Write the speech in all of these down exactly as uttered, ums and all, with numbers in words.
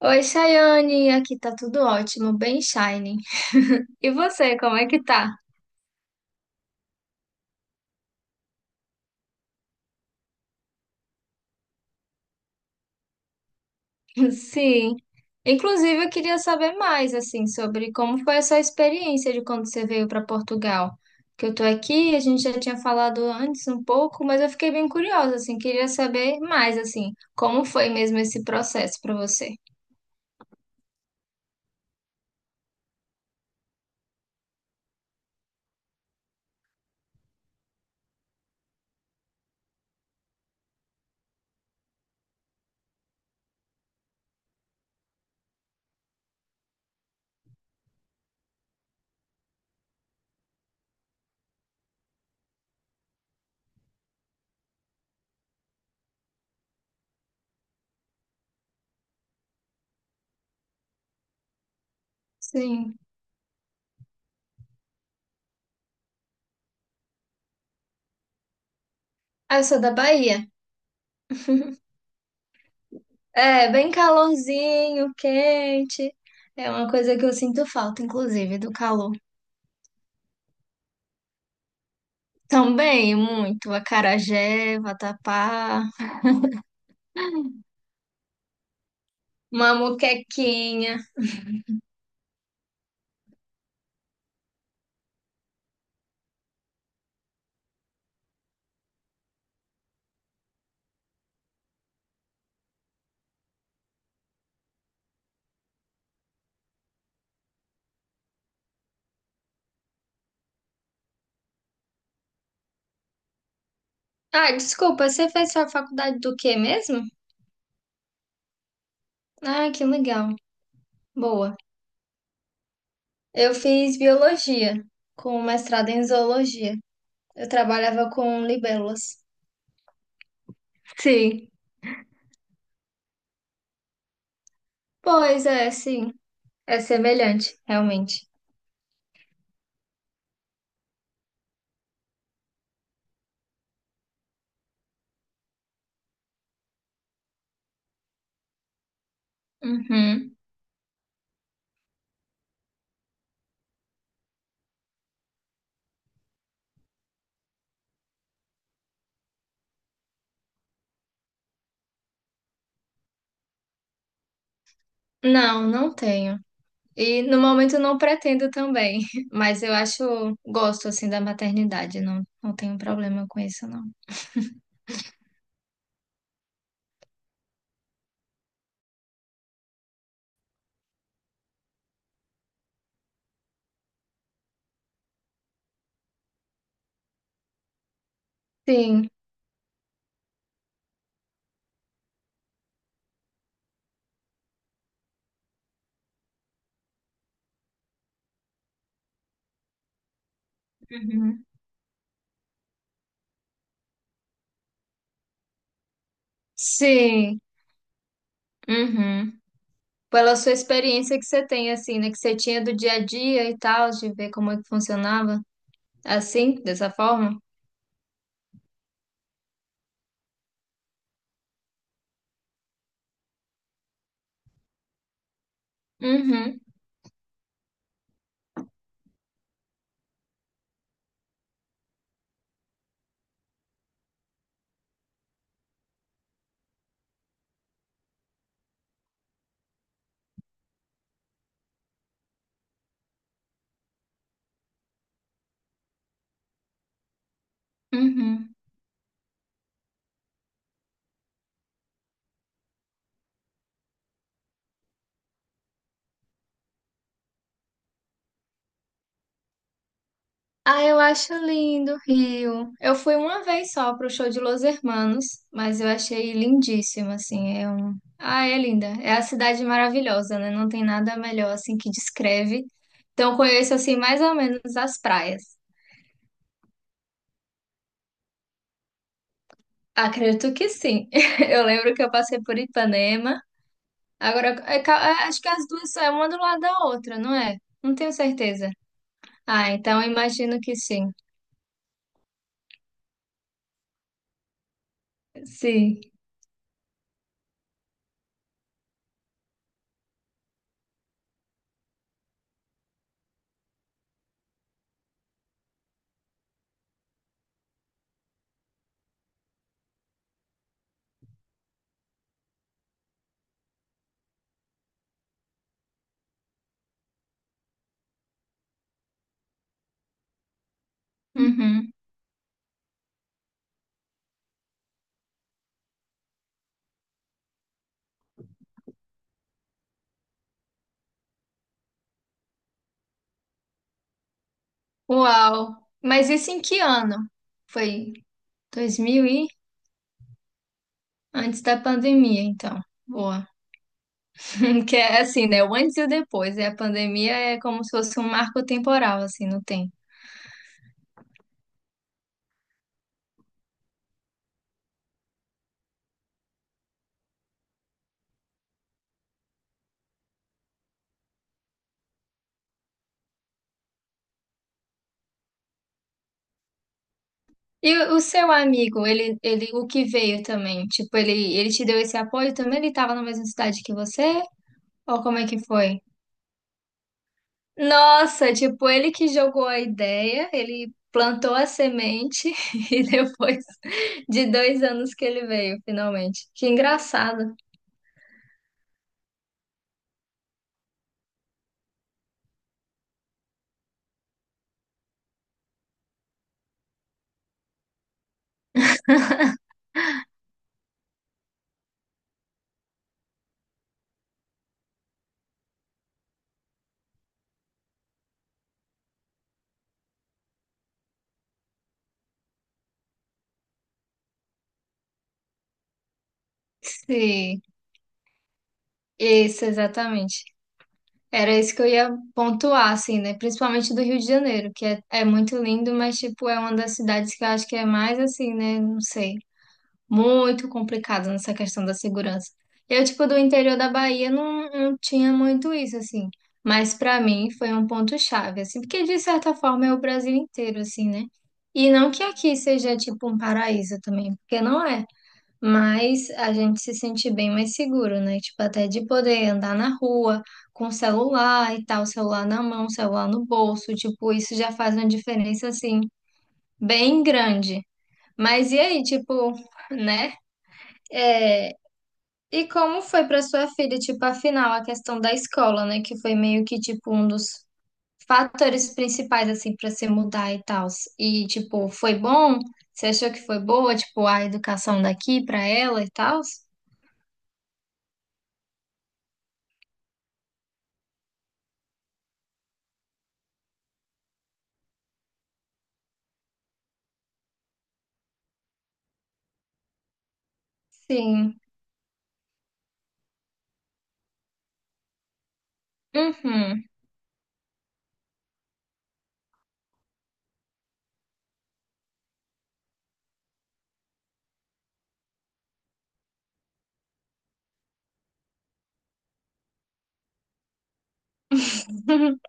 Oi, Chayane, aqui tá tudo ótimo, bem shining. E você, como é que tá? Sim. Inclusive, eu queria saber mais, assim, sobre como foi a sua experiência de quando você veio para Portugal. Que eu tô aqui, a gente já tinha falado antes um pouco, mas eu fiquei bem curiosa, assim, queria saber mais, assim, como foi mesmo esse processo para você. Sim. Ah, eu sou da Bahia. É, bem calorzinho, quente. É uma coisa que eu sinto falta, inclusive, do calor. Também, muito. Acarajé, vatapá, uma muquequinha. Ah, desculpa, você fez sua faculdade do quê mesmo? Ah, que legal. Boa. Eu fiz biologia, com mestrado em zoologia. Eu trabalhava com libélulas. Sim. Pois é, sim. É semelhante, realmente. Uhum. Não, não tenho. E no momento não pretendo também, mas eu acho, gosto assim da maternidade, não, não tenho problema com isso, não. Sim. Uhum. Sim. Uhum. Pela sua experiência que você tem, assim, né? Que você tinha do dia a dia e tal, de ver como é que funcionava. Assim, dessa forma? Uhum. Uhum. Ah, eu acho lindo o Rio. Eu fui uma vez só pro show de Los Hermanos, mas eu achei lindíssimo, assim. É um... Ah, é linda. É a cidade maravilhosa, né? Não tem nada melhor, assim, que descreve. Então, conheço, assim, mais ou menos as praias. Acredito que sim. Eu lembro que eu passei por Ipanema. Agora, é ca- é, acho que as duas são uma do lado da outra, não é? Não tenho certeza. Ah, então eu imagino que sim. Sim. Uhum. Uau! Mas isso em que ano? Foi dois mil e Antes da pandemia, então. Boa. Que é assim, né? O antes e o depois. E a pandemia é como se fosse um marco temporal, assim, não tem. E o o seu amigo, ele, ele, o que veio também? Tipo, ele, ele te deu esse apoio também? Ele estava na mesma cidade que você? Ou como é que foi? Nossa, tipo, ele que jogou a ideia, ele plantou a semente e depois de dois anos que ele veio, finalmente. Que engraçado. Sim, isso, exatamente. Era isso que eu ia pontuar, assim, né? Principalmente do Rio de Janeiro, que é, é muito lindo, mas, tipo, é uma das cidades que eu acho que é mais, assim, né? Não sei, muito complicado nessa questão da segurança. Eu, tipo, do interior da Bahia não, não tinha muito isso, assim. Mas pra mim foi um ponto-chave, assim, porque de certa forma é o Brasil inteiro, assim, né? E não que aqui seja, tipo, um paraíso também, porque não é. Mas a gente se sente bem mais seguro, né? Tipo, até de poder andar na rua com o celular e tal, celular na mão, celular no bolso, tipo, isso já faz uma diferença, assim, bem grande. Mas e aí, tipo, né? É, e como foi para sua filha, tipo, afinal, a questão da escola, né? Que foi meio que, tipo, um dos fatores principais, assim, para se mudar e tal. E, tipo, foi bom? Você achou que foi boa, tipo, a educação daqui para ela e tal? Sim. Uhum.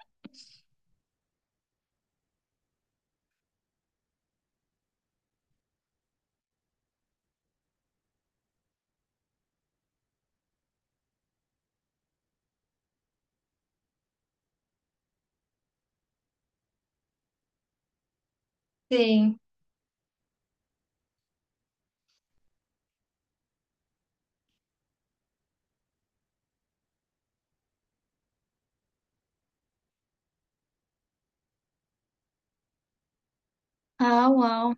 Sim. Ah, uau.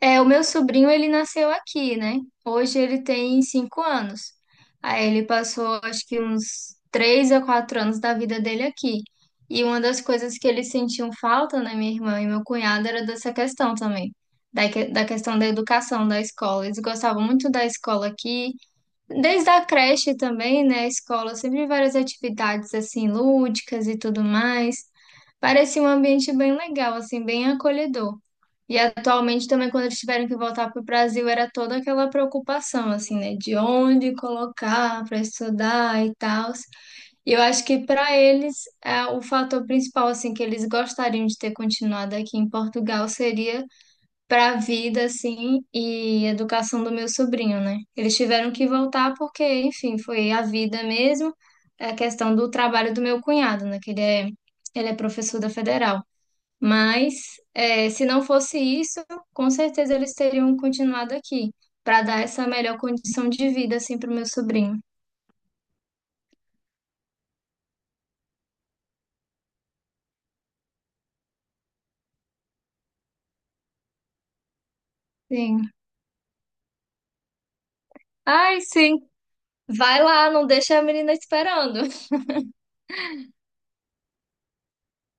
É, o meu sobrinho, ele nasceu aqui, né? Hoje ele tem cinco anos. Aí ele passou, acho que uns três a quatro anos da vida dele aqui. E uma das coisas que eles sentiam falta, né, minha irmã e meu cunhado, era dessa questão também, da, que- da questão da educação, da escola. Eles gostavam muito da escola aqui, desde a creche também, né? A escola, sempre várias atividades assim lúdicas e tudo mais. Parecia um ambiente bem legal, assim, bem acolhedor. E atualmente também, quando eles tiveram que voltar para o Brasil, era toda aquela preocupação, assim, né? De onde colocar para estudar e tal. E eu acho que para eles, é, o fator principal, assim, que eles gostariam de ter continuado aqui em Portugal seria para a vida, assim, e educação do meu sobrinho, né? Eles tiveram que voltar porque, enfim, foi a vida mesmo, é a questão do trabalho do meu cunhado, né? Que ele é, ele é professor da federal. Mas, eh, se não fosse isso, com certeza eles teriam continuado aqui, para dar essa melhor condição de vida, assim, para o meu sobrinho. Sim. Ai, sim. Vai lá, não deixa a menina esperando.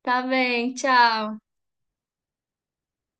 Tá bem, tchau.